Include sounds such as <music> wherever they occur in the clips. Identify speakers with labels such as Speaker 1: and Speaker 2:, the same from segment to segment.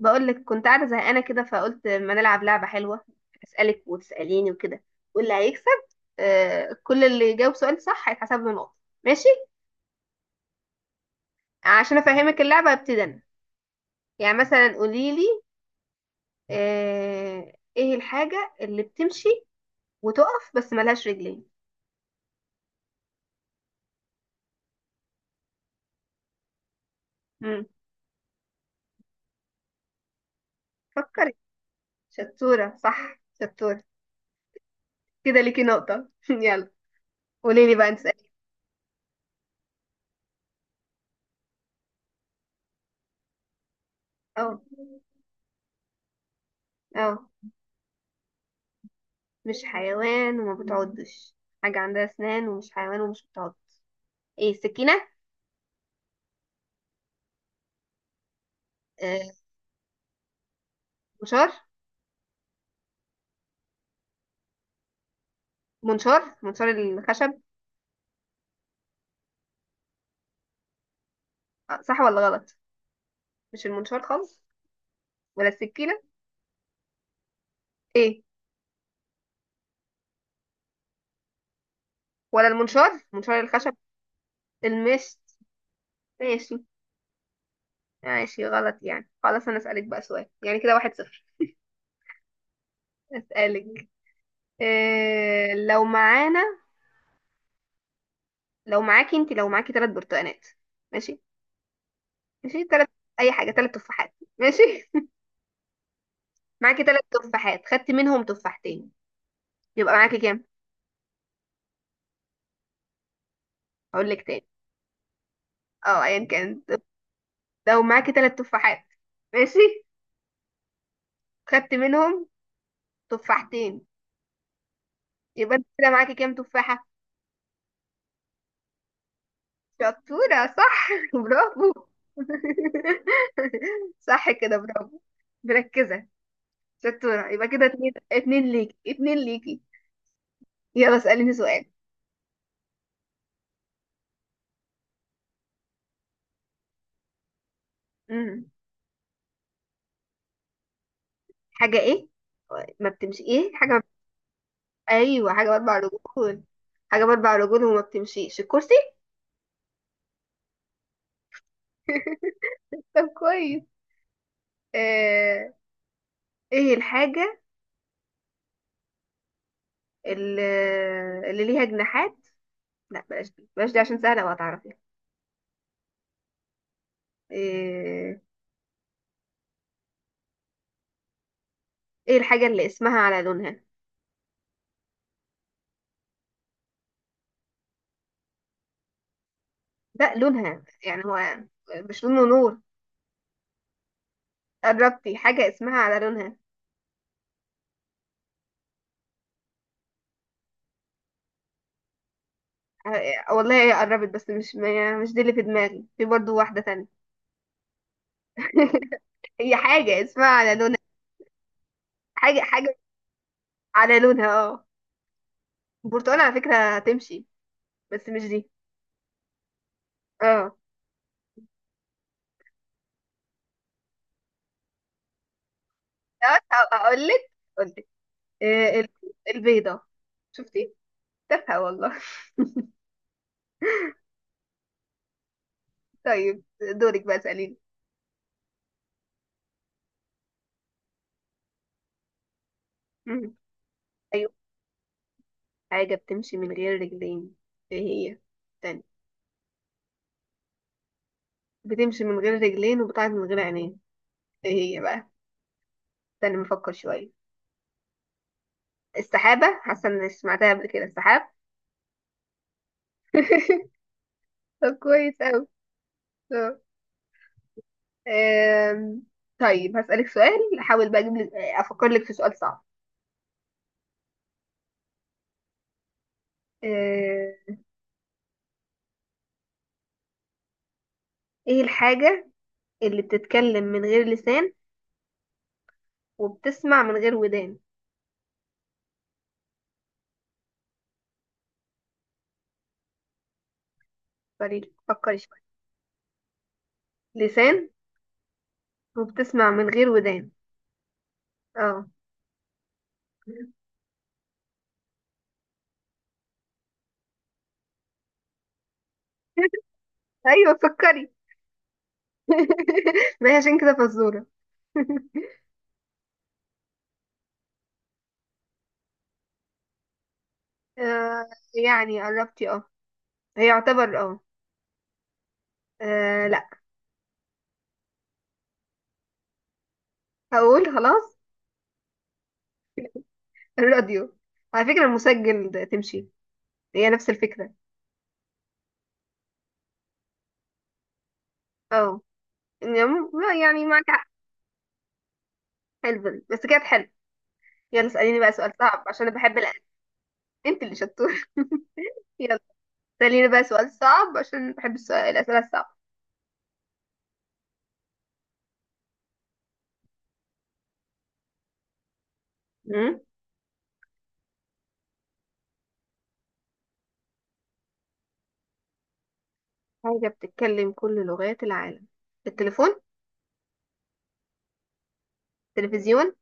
Speaker 1: بقول لك كنت قاعده زهقانه كده، فقلت ما نلعب لعبه حلوه. اسالك وتساليني وكده، واللي هيكسب كل اللي يجاوب سؤال صح هيتحسب له نقطه. ماشي. عشان افهمك اللعبه ابتدي انا. يعني مثلا قولي لي ايه الحاجه اللي بتمشي وتقف بس ملهاش رجلين؟ امم فكري. شطوره، صح، شطوره. كده ليكي نقطه. <laughs> يلا قولي لي بقى، انت اسالي. اه، اه. مش حيوان وما بتعضش. حاجه عندها اسنان ومش حيوان ومش بتعض. ايه، السكينه؟ آه، منشار. منشار الخشب. آه، صح ولا غلط؟ مش المنشار خالص ولا السكينة؟ ايه؟ ولا المنشار، منشار الخشب. المشت. ماشي، ماشي غلط يعني. خلاص، انا اسألك بقى سؤال يعني كده، واحد صفر. اسألك، إيه لو معانا، لو معاكي انت، لو معاكي ثلاث برتقانات. ماشي؟ ماشي، ثلاث، اي حاجة، ثلاث تفاحات. ماشي؟ <laughs> معاكي ثلاث تفاحات، خدتي منهم تفاحتين، يبقى معاكي كام؟ هقول لك تاني. اه، ايا كان. لو معاكي ثلاث تفاحات، ماشي، خدت منهم تفاحتين، يبقى انت كده معاكي كام تفاحة؟ شطورة، صح. <laughs> برافو. <laughs> صح كده، برافو. مركزة، شطورة. يبقى كده اتنين اتنين، ليكي اتنين، ليكي. يلا اسأليني سؤال. امم حاجة ايه؟ ما بتمشي، ايه حاجة ما... بت- ايوه، حاجة بأربع رجول. حاجة بأربع رجول وما بتمشيش، الكرسي. طب كويس. آه... ايه الحاجة اللي, اللي ليها جناحات؟ لا، بلاش دي، بلاش دي عشان سهلة وهتعرفي. إيه, ايه الحاجة اللي اسمها على لونها؟ لا، لونها يعني هو، مش لون ونور. قربتي، حاجة اسمها على لونها. آه، والله هي قربت بس مش، ما مش دي اللي في دماغي، في برضو واحدة تانية. <laughs> هي حاجة اسمها على لونها. حاجة، حاجة على لونها، اه. البرتقال على فكرة هتمشي بس مش دي. اه. اقول لك اقول لك البيضة. شفتي؟ تافهة والله. <laughs> طيب دورك بقى، اسأليني. مم. أيوة. حاجة بتمشي من غير رجلين. ايه هي؟ تاني. بتمشي من غير رجلين وبتعد من غير عينين. ايه هي بقى؟ تاني، مفكر شوية. السحابة، حاسة اني سمعتها قبل كده، السحاب. <laughs> طب كويس اوي. طب، آم، طيب هسألك سؤال، احاول بقى اجيب لك، افكر لك في سؤال صعب. آه، ايه الحاجة اللي بتتكلم من غير لسان وبتسمع من غير ودان؟ فريد، فكري شوية. لسان، وبتسمع من غير ودان. اه. <laughs> ايوه فكري. <laughs> ما هي عشان كده فزورة. <laughs> آه. يعني قربتي، اه. هي يعتبر، اه. آه، لا. هقول خلاص، الراديو. على فكرة المسجل ده تمشي، هي نفس الفكرة. اه يعني، يعني معك حق. حلو، بس كانت حلو. يلا اسأليني بقى سؤال صعب، عشان انا بحب الأسئلة. انت اللي شطور. <laughs> يلا اسأليني بقى سؤال صعب، عشان بحب الأسئلة الصعبة. أمم. حاجة بتتكلم كل لغات العالم. التليفون؟ التلفزيون؟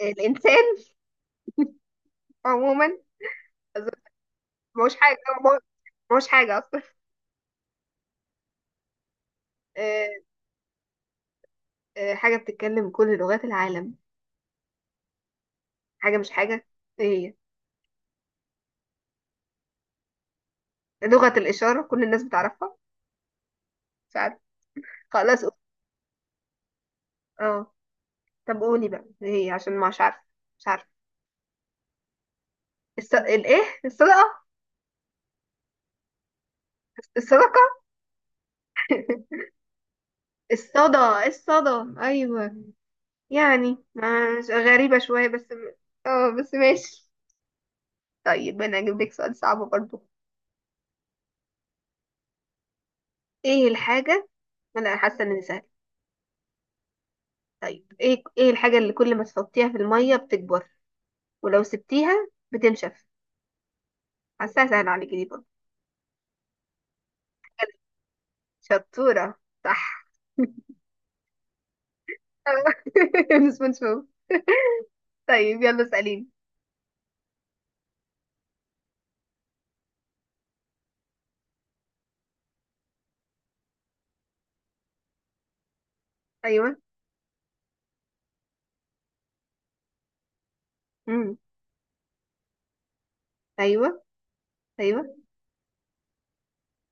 Speaker 1: الإنسان عموما؟ أظن- ما هوش حاجة، ما هوش حاجة. آه، آه، حاجة بتتكلم كل لغات العالم، حاجة مش حاجة. ايه؟ هي لغة الإشارة، كل الناس بتعرفها. مش عارفة. خلاص قول- اه. طب قولي بقى ايه هي، عشان مش عارفة، مش عارفة. الص... الايه، الصدقة؟ الصدقة. <laughs> الصدى، الصدى، ايوه. يعني مش غريبة شوية بس اه، بس ماشي. طيب انا هجيب لك سؤال صعب برضو. ايه الحاجة، انا حاسة ان سهل، طيب ايه، ايه الحاجة اللي كل ما تحطيها في المية بتكبر، ولو سبتيها بتنشف؟ حاسة هسهل عليكي دي برضه. شطورة، صح. <laughs> من سبونج بوب. طيب يلا اسأليني. أيوه. امم أيوه، أيوه.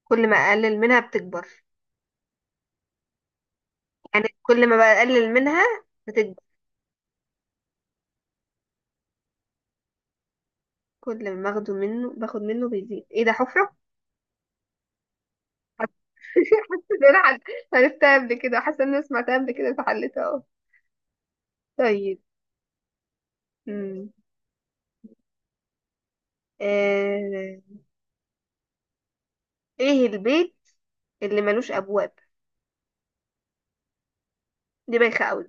Speaker 1: كل ما أقلل منها بتكبر. يعني كل ما بقلل منها بتكبر. كل ما باخده منه، باخد منه بيزيد، إيه ده، حفرة؟ <laughs> حاسة، حاسة إن أنا عرفتها قبل كده، حاسة إن أنا سمعتها قبل كده فحلتها أهو. طيب. امم آه... إيه البيت اللي ملوش أبواب؟ دي بايخة أوي.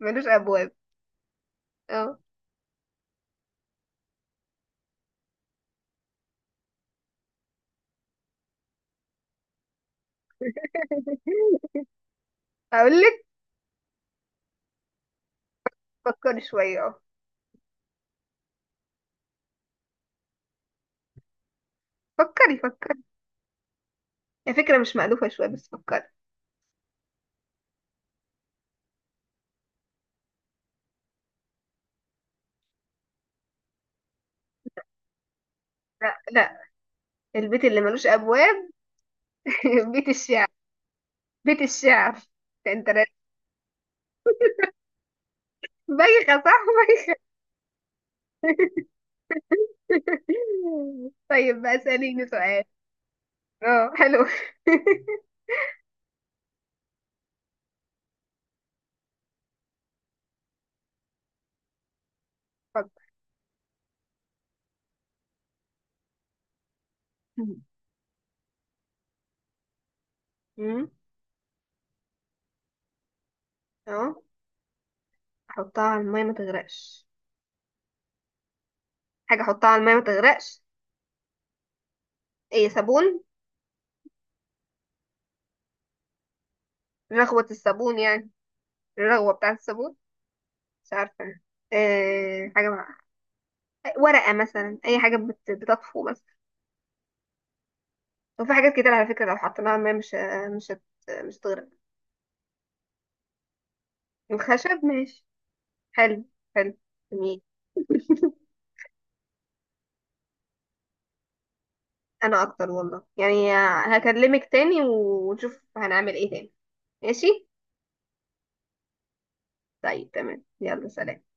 Speaker 1: ملوش أبواب. اه. <laughs> أقول لك. فكري شوية، اه. فكري، فكري. هي فكرة مش مألوفة شوية بس فكري. لا لا، البيت اللي ملوش أبواب. <laughs> بيت الشعر. بيت الشعر. انت رأي- بايخة، صح، بايخة. <laughs> طيب بقى اسأليني سؤال. اه حلو. <laughs> فكري. أمم، اه، احطها على المية ما تغرقش. حاجة احطها على المية ما تغرقش. ايه، صابون؟ رغوة الصابون يعني، الرغوة بتاعة الصابون. مش عارفة أنا. إيه حاجة ورقة مثلا، أي حاجة بتطفو مثلا. وفي حاجات كتير على فكرة لو حطيناها ما مش، مش هت... مش هتغرق. الخشب، ماشي. حلو، حلو، جميل. انا اكتر والله يعني. هكلمك تاني ونشوف هنعمل ايه تاني. ماشي. طيب تمام، يلا سلام.